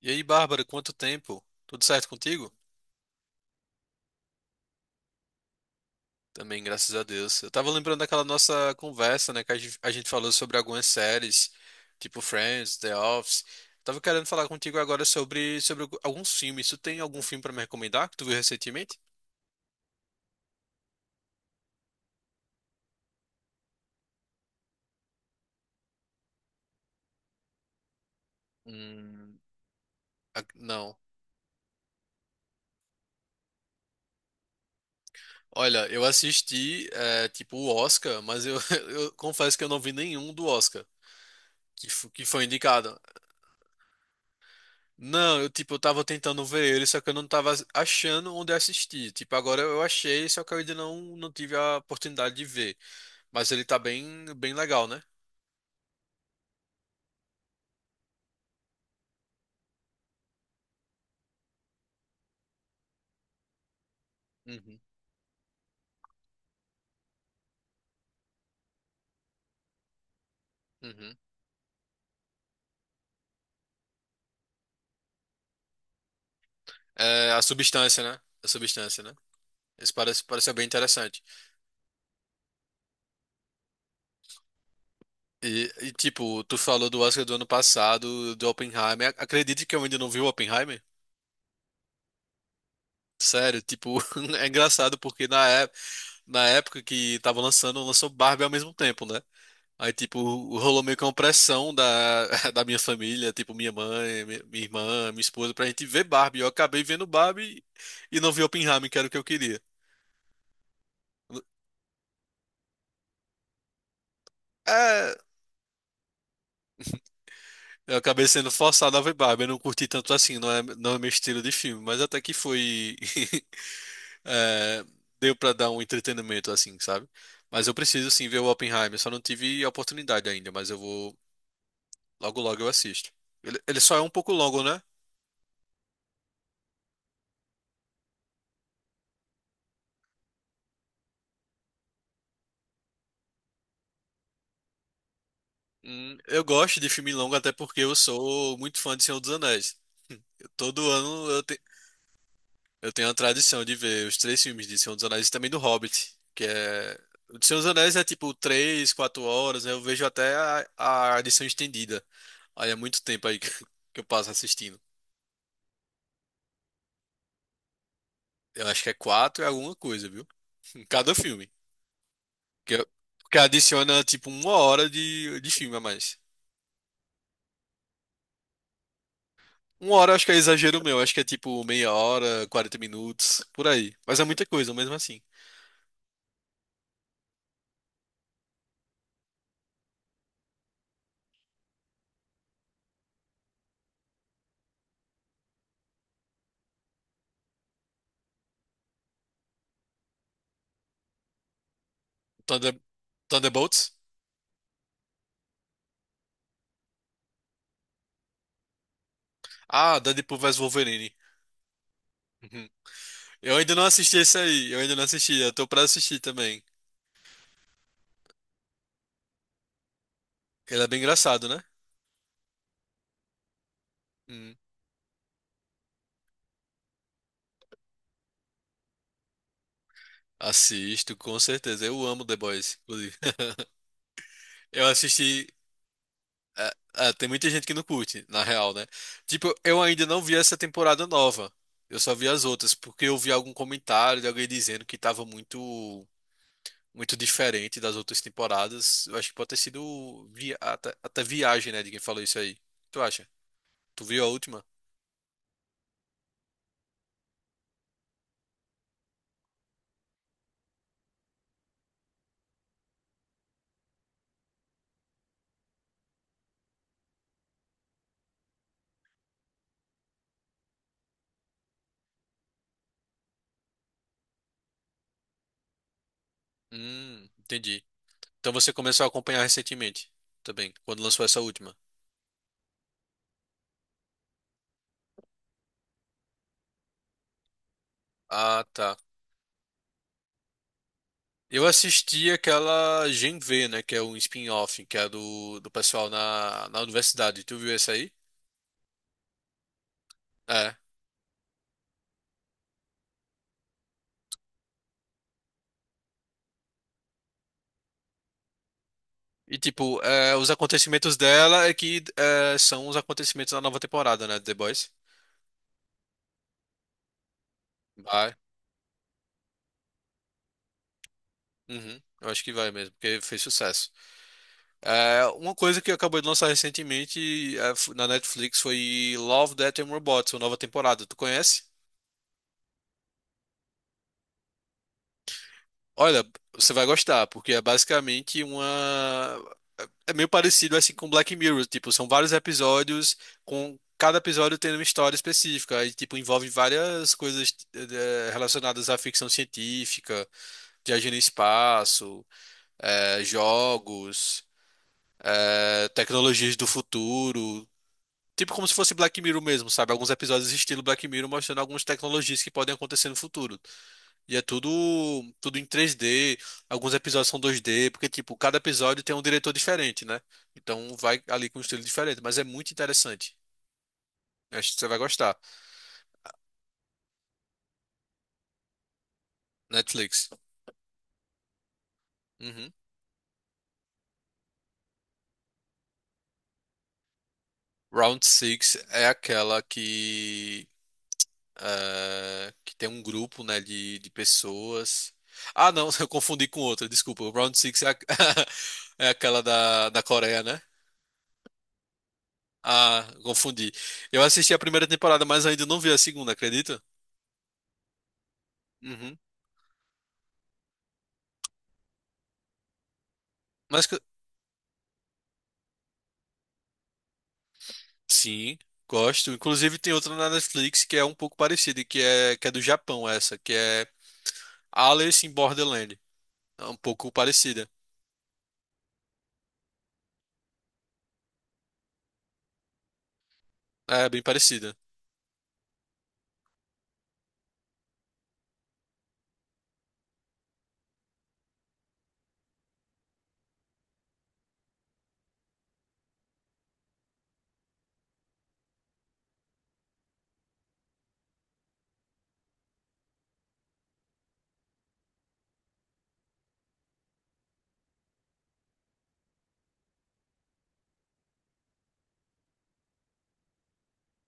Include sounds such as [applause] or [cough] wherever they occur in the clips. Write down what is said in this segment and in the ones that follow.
E aí, Bárbara, quanto tempo? Tudo certo contigo? Também, graças a Deus. Eu tava lembrando daquela nossa conversa, né, que a gente falou sobre algumas séries, tipo Friends, The Office. Tava querendo falar contigo agora sobre alguns filmes. Tu tem algum filme pra me recomendar que tu viu recentemente? Hum. Não. Olha, eu assisti, é, tipo, o Oscar, mas eu, [laughs] eu confesso que eu não vi nenhum do Oscar que foi indicado. Não, eu tipo, eu tava tentando ver ele, só que eu não tava achando onde assistir. Tipo, agora eu achei, só que eu ainda não tive a oportunidade de ver. Mas ele tá bem, bem legal, né? Uhum, uhum. É, a substância, né? A substância, né? Isso parece ser bem interessante. E, tipo, tu falou do Oscar do ano passado, do Oppenheimer. Acredite que eu ainda não vi o Oppenheimer? Sério, tipo, [laughs] é engraçado porque na época que tava lançando, lançou Barbie ao mesmo tempo, né? Aí, tipo, rolou meio que uma pressão da, [laughs] da minha família, tipo, minha mãe, minha irmã, minha esposa, pra gente ver Barbie. Eu acabei vendo Barbie e não vi Oppenheimer, que era o que eu queria. É, eu acabei sendo forçado a ver Barbie. Eu não curti tanto assim, não é meu estilo de filme, mas até que foi. [laughs] É, deu pra dar um entretenimento, assim, sabe? Mas eu preciso sim ver o Oppenheimer, só não tive a oportunidade ainda, mas eu vou. Logo, logo eu assisto. Ele só é um pouco longo, né? Eu gosto de filme longo até porque eu sou muito fã de Senhor dos Anéis. [laughs] Todo ano eu tenho a tradição de ver os três filmes de Senhor dos Anéis e também do Hobbit, que é... O de Senhor dos Anéis é tipo 3, 4 horas, né? Eu vejo até a edição estendida. Aí é muito tempo aí que [laughs] que eu passo assistindo. Eu acho que é quatro e alguma coisa, viu? Em cada filme. Que, eu- que adiciona tipo uma hora de filme a mais. Uma hora eu acho que é exagero meu, acho que é tipo meia hora, 40 minutos, por aí. Mas é muita coisa, mesmo assim. Thunder... Thunderbolts? Ah, Deadpool vs Wolverine. Uhum. Eu ainda não assisti esse aí, eu ainda não assisti, eu tô pra assistir também. Ele é bem engraçado, né? Hum. Assisto, com certeza. Eu amo The Boys, inclusive. [laughs] Eu assisti. Ah, ah, tem muita gente que não curte, na real, né? Tipo, eu ainda não vi essa temporada nova. Eu só vi as outras, porque eu vi algum comentário de alguém dizendo que tava muito. Muito diferente das outras temporadas. Eu acho que pode ter sido até viagem, né, de quem falou isso aí. Tu acha? Tu viu a última? Entendi. Então você começou a acompanhar recentemente também, quando lançou essa última. Ah, tá. Eu assisti aquela Gen V, né, que é um spin-off, que é do pessoal na universidade. Tu viu essa aí? É. E tipo, é, os acontecimentos dela é que é, são os acontecimentos da nova temporada, né, de The Boys. Vai. Uhum. Eu acho que vai mesmo, porque fez sucesso. É, uma coisa que acabou de lançar recentemente é, na Netflix foi Love, Death and Robots, a nova temporada. Tu conhece? Olha, você vai gostar, porque é basicamente uma. É meio parecido assim com Black Mirror, tipo, são vários episódios, com cada episódio tendo uma história específica, e tipo, envolve várias coisas relacionadas à ficção científica, viagem no espaço, jogos, tecnologias do futuro. Tipo como se fosse Black Mirror mesmo, sabe? Alguns episódios estilo Black Mirror mostrando algumas tecnologias que podem acontecer no futuro. E é tudo em 3D, alguns episódios são 2D porque tipo, cada episódio tem um diretor diferente, né? Então vai ali com um estilo diferente, mas é muito interessante. Acho que você vai gostar. Netflix. Uhum. Round Six é aquela que que tem um grupo, né, de pessoas. Ah, não, [laughs] eu confundi com outra, desculpa. O Round Six é, [laughs] é aquela da, da Coreia, né? Ah, confundi. Eu assisti a primeira temporada, mas ainda não vi a segunda, acredita? Uhum. Mas que- sim, gosto. Inclusive tem outra na Netflix que é um pouco parecida, que é do Japão essa, que é Alice in Borderland. É um pouco parecida. É bem parecida.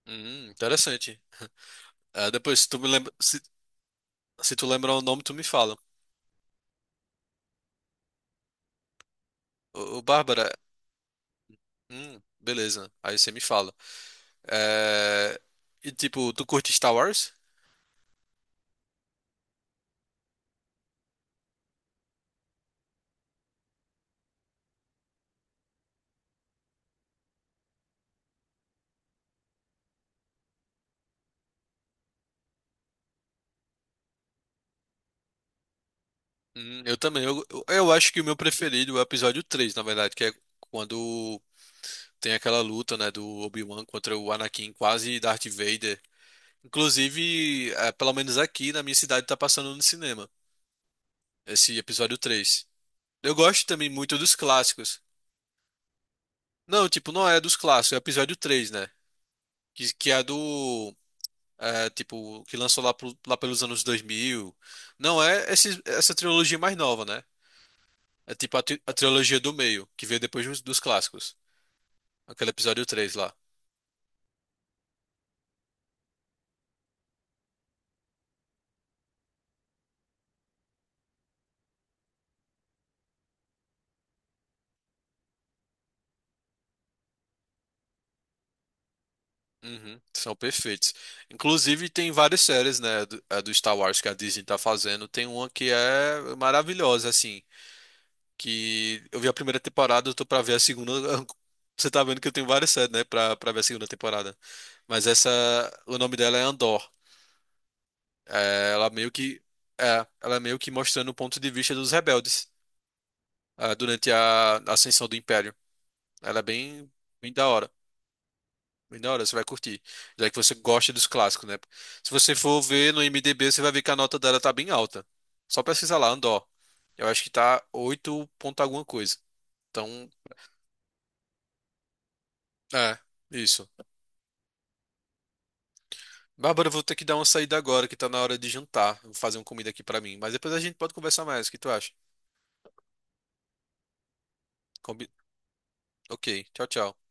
Interessante. Ah, depois, se tu me lembra, se tu lembrar o nome, tu me fala. Ô, ô, Bárbara, beleza. Aí você me fala. É, e tipo, tu curte Star Wars? Eu também. Eu acho que o meu preferido é o episódio três, na verdade, que é quando tem aquela luta, né, do Obi-Wan contra o Anakin, quase Darth Vader. Inclusive, é, pelo menos aqui na minha cidade tá passando no cinema esse episódio três. Eu gosto também muito dos clássicos. Não, tipo, não é dos clássicos, é o episódio três, né? Que é do. É, tipo, que lançou lá, lá pelos anos 2000. Não é esse, essa trilogia mais nova, né? É tipo a trilogia do meio, que veio depois dos clássicos. Aquele episódio 3 lá. Uhum, são perfeitos. Inclusive, tem várias séries, né, do, a do Star Wars que a Disney tá fazendo. Tem uma que é maravilhosa, assim, que eu vi a primeira temporada, eu tô pra ver a segunda. [laughs] Você tá vendo que eu tenho várias séries, né, pra ver a segunda temporada. Mas essa, o nome dela é Andor. É, ela meio que, É, ela é meio que mostrando o ponto de vista dos rebeldes. Ah, durante a ascensão do Império. Ela é bem, bem da hora. Bem da hora, você vai curtir. Já que você gosta dos clássicos, né? Se você for ver no IMDb, você vai ver que a nota dela tá bem alta. Só pesquisar lá, Andor. Eu acho que tá 8 ponto alguma coisa. Então, é, isso. Bárbara, eu vou ter que dar uma saída agora, que tá na hora de jantar. Vou fazer uma comida aqui pra mim. Mas depois a gente pode conversar mais. O que tu acha? Combi... Ok, tchau, tchau.